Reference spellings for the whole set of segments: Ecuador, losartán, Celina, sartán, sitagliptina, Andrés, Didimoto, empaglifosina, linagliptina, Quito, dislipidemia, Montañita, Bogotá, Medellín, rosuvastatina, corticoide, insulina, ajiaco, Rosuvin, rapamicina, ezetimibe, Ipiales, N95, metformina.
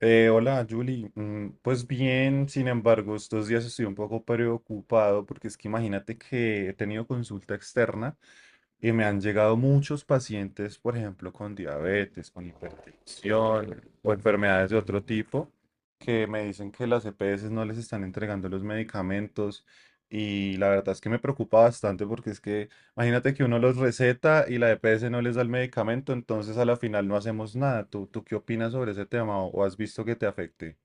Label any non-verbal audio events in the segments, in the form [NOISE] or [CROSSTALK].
Hola, Julie. Pues bien, sin embargo, estos días estoy un poco preocupado porque es que imagínate que he tenido consulta externa. Y me han llegado muchos pacientes, por ejemplo, con diabetes, con hipertensión o enfermedades de otro tipo, que me dicen que las EPS no les están entregando los medicamentos. Y la verdad es que me preocupa bastante porque es que imagínate que uno los receta y la EPS no les da el medicamento, entonces a la final no hacemos nada. ¿Tú qué opinas sobre ese tema o has visto que te afecte?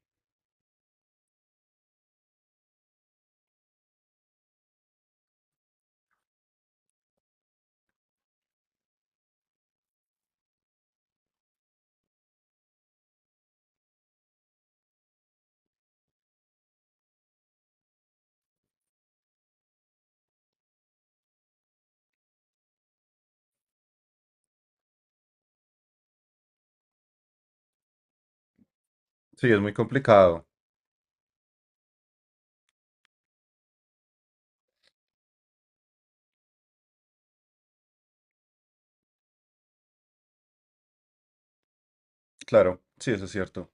Sí, es muy complicado. Claro, sí, eso es cierto.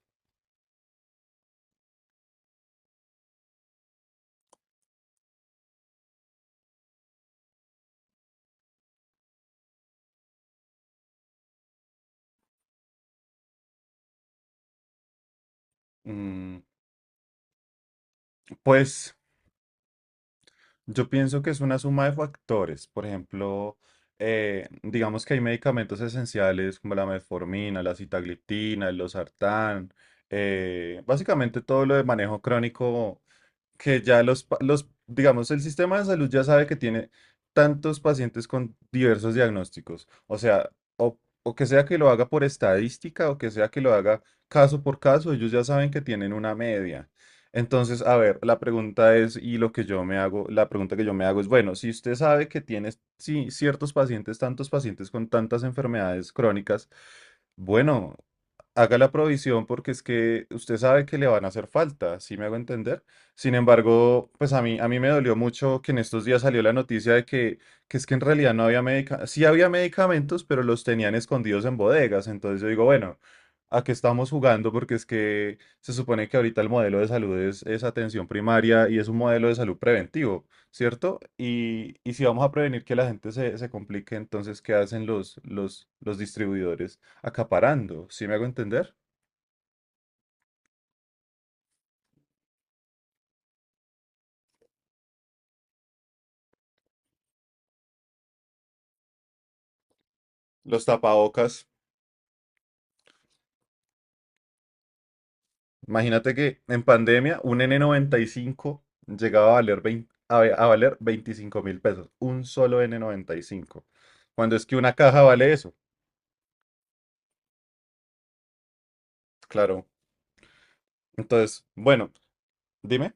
Mm, pues. Yo pienso que es una suma de factores. Por ejemplo, digamos que hay medicamentos esenciales como la metformina, la sitagliptina, el losartán, básicamente todo lo de manejo crónico que ya los, los, digamos, el sistema de salud ya sabe que tiene tantos pacientes con diversos diagnósticos. O sea, o que sea que lo haga por estadística o que sea que lo haga caso por caso, ellos ya saben que tienen una media. Entonces, a ver, la pregunta es, y lo que yo me hago, la pregunta que yo me hago es, bueno, si usted sabe que tiene, sí, ciertos pacientes, tantos pacientes con tantas enfermedades crónicas, bueno, haga la provisión porque es que usted sabe que le van a hacer falta, ¿sí me hago entender? Sin embargo, pues a mí me dolió mucho que en estos días salió la noticia de que es que en realidad no había medicamentos, sí había medicamentos, pero los tenían escondidos en bodegas. Entonces yo digo, bueno, ¿a qué estamos jugando? Porque es que se supone que ahorita el modelo de salud es atención primaria y es un modelo de salud preventivo, ¿cierto? Y si vamos a prevenir que la gente se complique, entonces, ¿qué hacen los distribuidores? Acaparando, ¿sí me hago entender? Los tapabocas. Imagínate que en pandemia un N95 llegaba a valer 20, a ve- a valer 25.000 pesos, un solo N95. Cuando es que una caja vale eso, claro. Entonces, bueno, dime,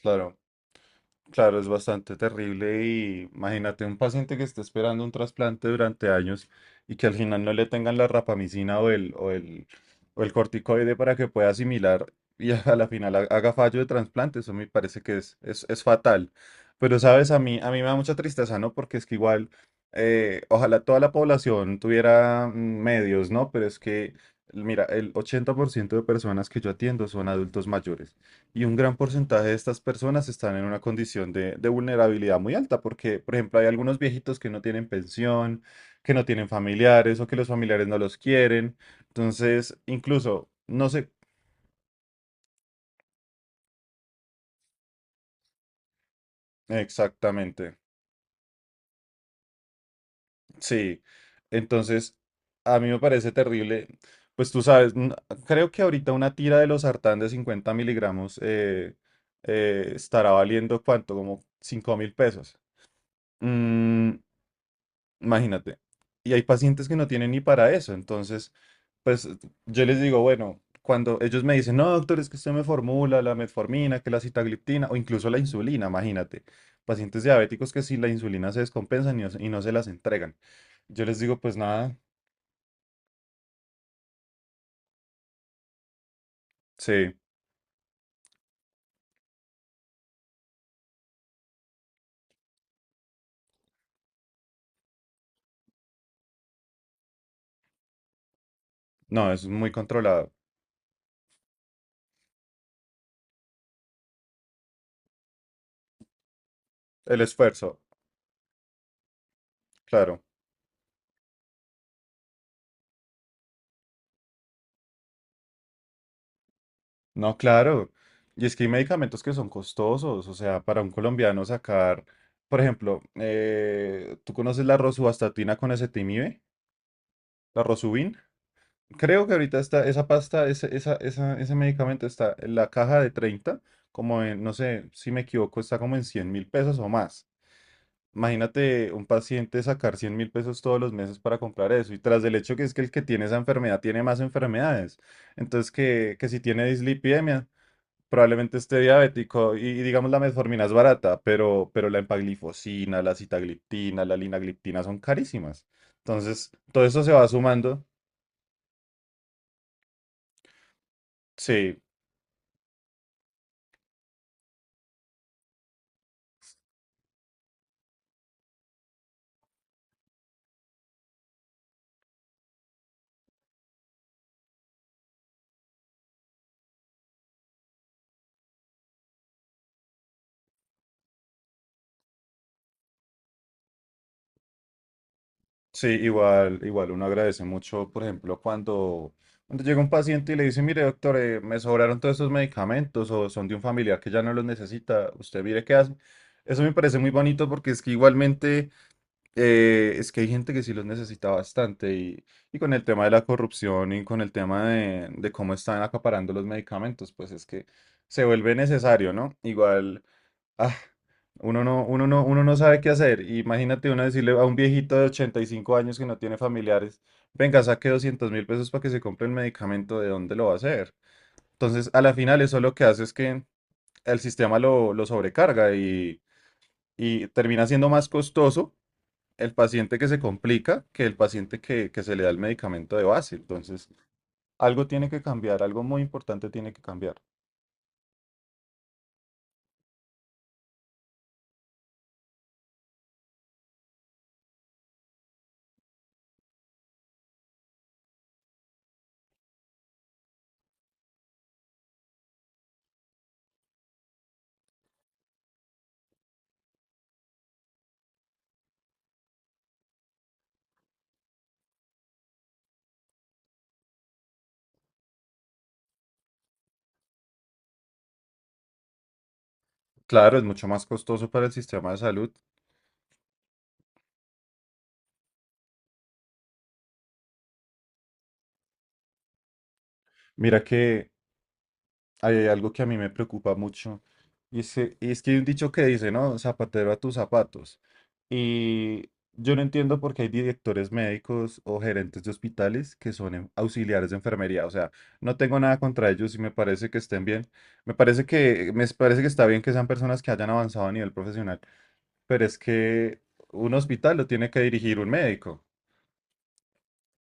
claro. Claro, es bastante terrible y imagínate un paciente que esté esperando un trasplante durante años y que al final no le tengan la rapamicina o el corticoide para que pueda asimilar y [LAUGHS] a la final haga fallo de trasplante. Eso me parece que es fatal. Pero sabes, a mí me da mucha tristeza, ¿no? Porque es que igual, ojalá toda la población tuviera medios, ¿no? Pero es que, mira, el 80% de personas que yo atiendo son adultos mayores. Y un gran porcentaje de estas personas están en una condición de vulnerabilidad muy alta, porque, por ejemplo, hay algunos viejitos que no tienen pensión, que no tienen familiares o que los familiares no los quieren. Entonces, incluso, no sé exactamente. Sí. Entonces, a mí me parece terrible. Pues tú sabes, creo que ahorita una tira de los sartán de 50 mg estará valiendo cuánto, como 5.000 pesos. Mm, Imagínate. Y hay pacientes que no tienen ni para eso. Entonces, pues yo les digo, bueno, cuando ellos me dicen, no, doctor, es que usted me formula la metformina, que la sitagliptina o incluso la insulina, imagínate. Pacientes diabéticos que si la insulina se descompensan y no se las entregan. Yo les digo, pues nada, sí, no, es muy controlado. El esfuerzo, claro. No, claro. Y es que hay medicamentos que son costosos. O sea, para un colombiano sacar, por ejemplo, ¿tú conoces la rosuvastatina con ezetimibe? La Rosuvin. Creo que ahorita está esa pasta, ese medicamento está en la caja de 30 como en, no sé si me equivoco, está como en 100.000 pesos o más. Imagínate un paciente sacar 100.000 pesos todos los meses para comprar eso. Y tras del hecho que es que el que tiene esa enfermedad tiene más enfermedades. Entonces, que si tiene dislipidemia, probablemente esté diabético. Y digamos, la metformina es barata, pero la empaglifosina, la citagliptina, la linagliptina son carísimas. Entonces, todo eso se va sumando. Sí, sí, igual uno agradece mucho, por ejemplo, cuando llega un paciente y le dice, mire, doctor, me sobraron todos estos medicamentos o son de un familiar que ya no los necesita, usted mire qué hace. Eso me parece muy bonito porque es que igualmente es que hay gente que sí los necesita bastante y con el tema de la corrupción y con el tema de cómo están acaparando los medicamentos, pues es que se vuelve necesario, ¿no? Igual, ah, uno no sabe qué hacer. Imagínate uno decirle a un viejito de 85 años que no tiene familiares, venga, saque 200.000 pesos para que se compre el medicamento, ¿de dónde lo va a hacer? Entonces, a la final eso lo que hace es que el sistema lo sobrecarga y termina siendo más costoso el paciente que se complica que el paciente que se le da el medicamento de base. Entonces, algo tiene que cambiar, algo muy importante tiene que cambiar. Claro, es mucho más costoso para el sistema de salud. Mira que hay algo que a mí me preocupa mucho. Y es que hay un dicho que dice, ¿no? Zapatero a tus zapatos. Y yo no entiendo por qué hay directores médicos o gerentes de hospitales que son auxiliares de enfermería. O sea, no tengo nada contra ellos y me parece que estén bien. Me parece que está bien que sean personas que hayan avanzado a nivel profesional. Pero es que un hospital lo tiene que dirigir un médico.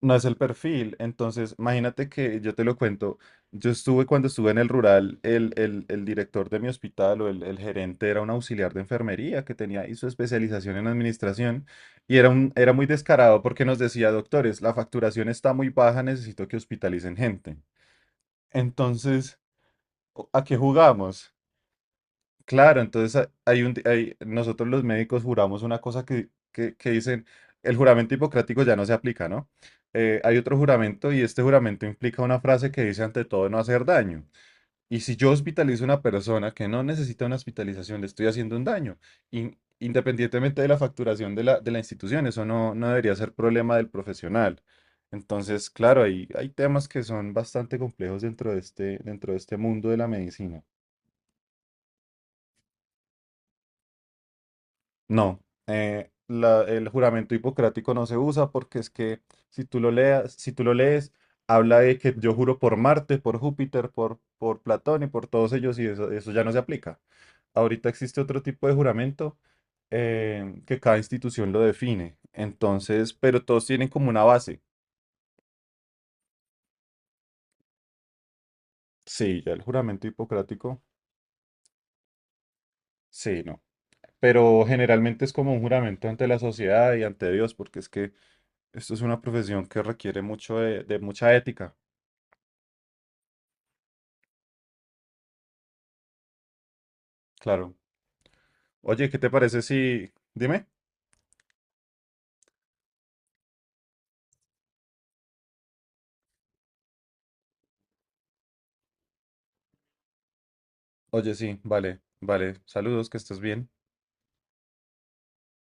No es el perfil. Entonces, imagínate que yo te lo cuento. Yo estuve cuando estuve en el rural, el director de mi hospital o el gerente era un auxiliar de enfermería que tenía y su especialización en administración y era muy descarado porque nos decía, doctores, la facturación está muy baja, necesito que hospitalicen gente. Entonces, ¿a qué jugamos? Claro, entonces nosotros los médicos juramos una cosa que dicen, el juramento hipocrático ya no se aplica, ¿no? Hay otro juramento y este juramento implica una frase que dice ante todo no hacer daño. Y si yo hospitalizo a una persona que no necesita una hospitalización, le estoy haciendo un daño, independientemente de la facturación de la institución, eso no debería ser problema del profesional. Entonces, claro, hay temas que son bastante complejos dentro de este mundo de la medicina. No, el juramento hipocrático no se usa porque es que si tú lo lees, habla de que yo juro por Marte, por Júpiter, por Platón y por todos ellos y eso ya no se aplica. Ahorita existe otro tipo de juramento que cada institución lo define. Entonces, pero todos tienen como una base. Sí, ya el juramento hipocrático, sí, no. Pero generalmente es como un juramento ante la sociedad y ante Dios, porque es que esto es una profesión que requiere mucho de mucha ética. Claro. Oye, ¿qué te parece si? Dime. Oye, sí, vale, vale. Saludos, que estés bien.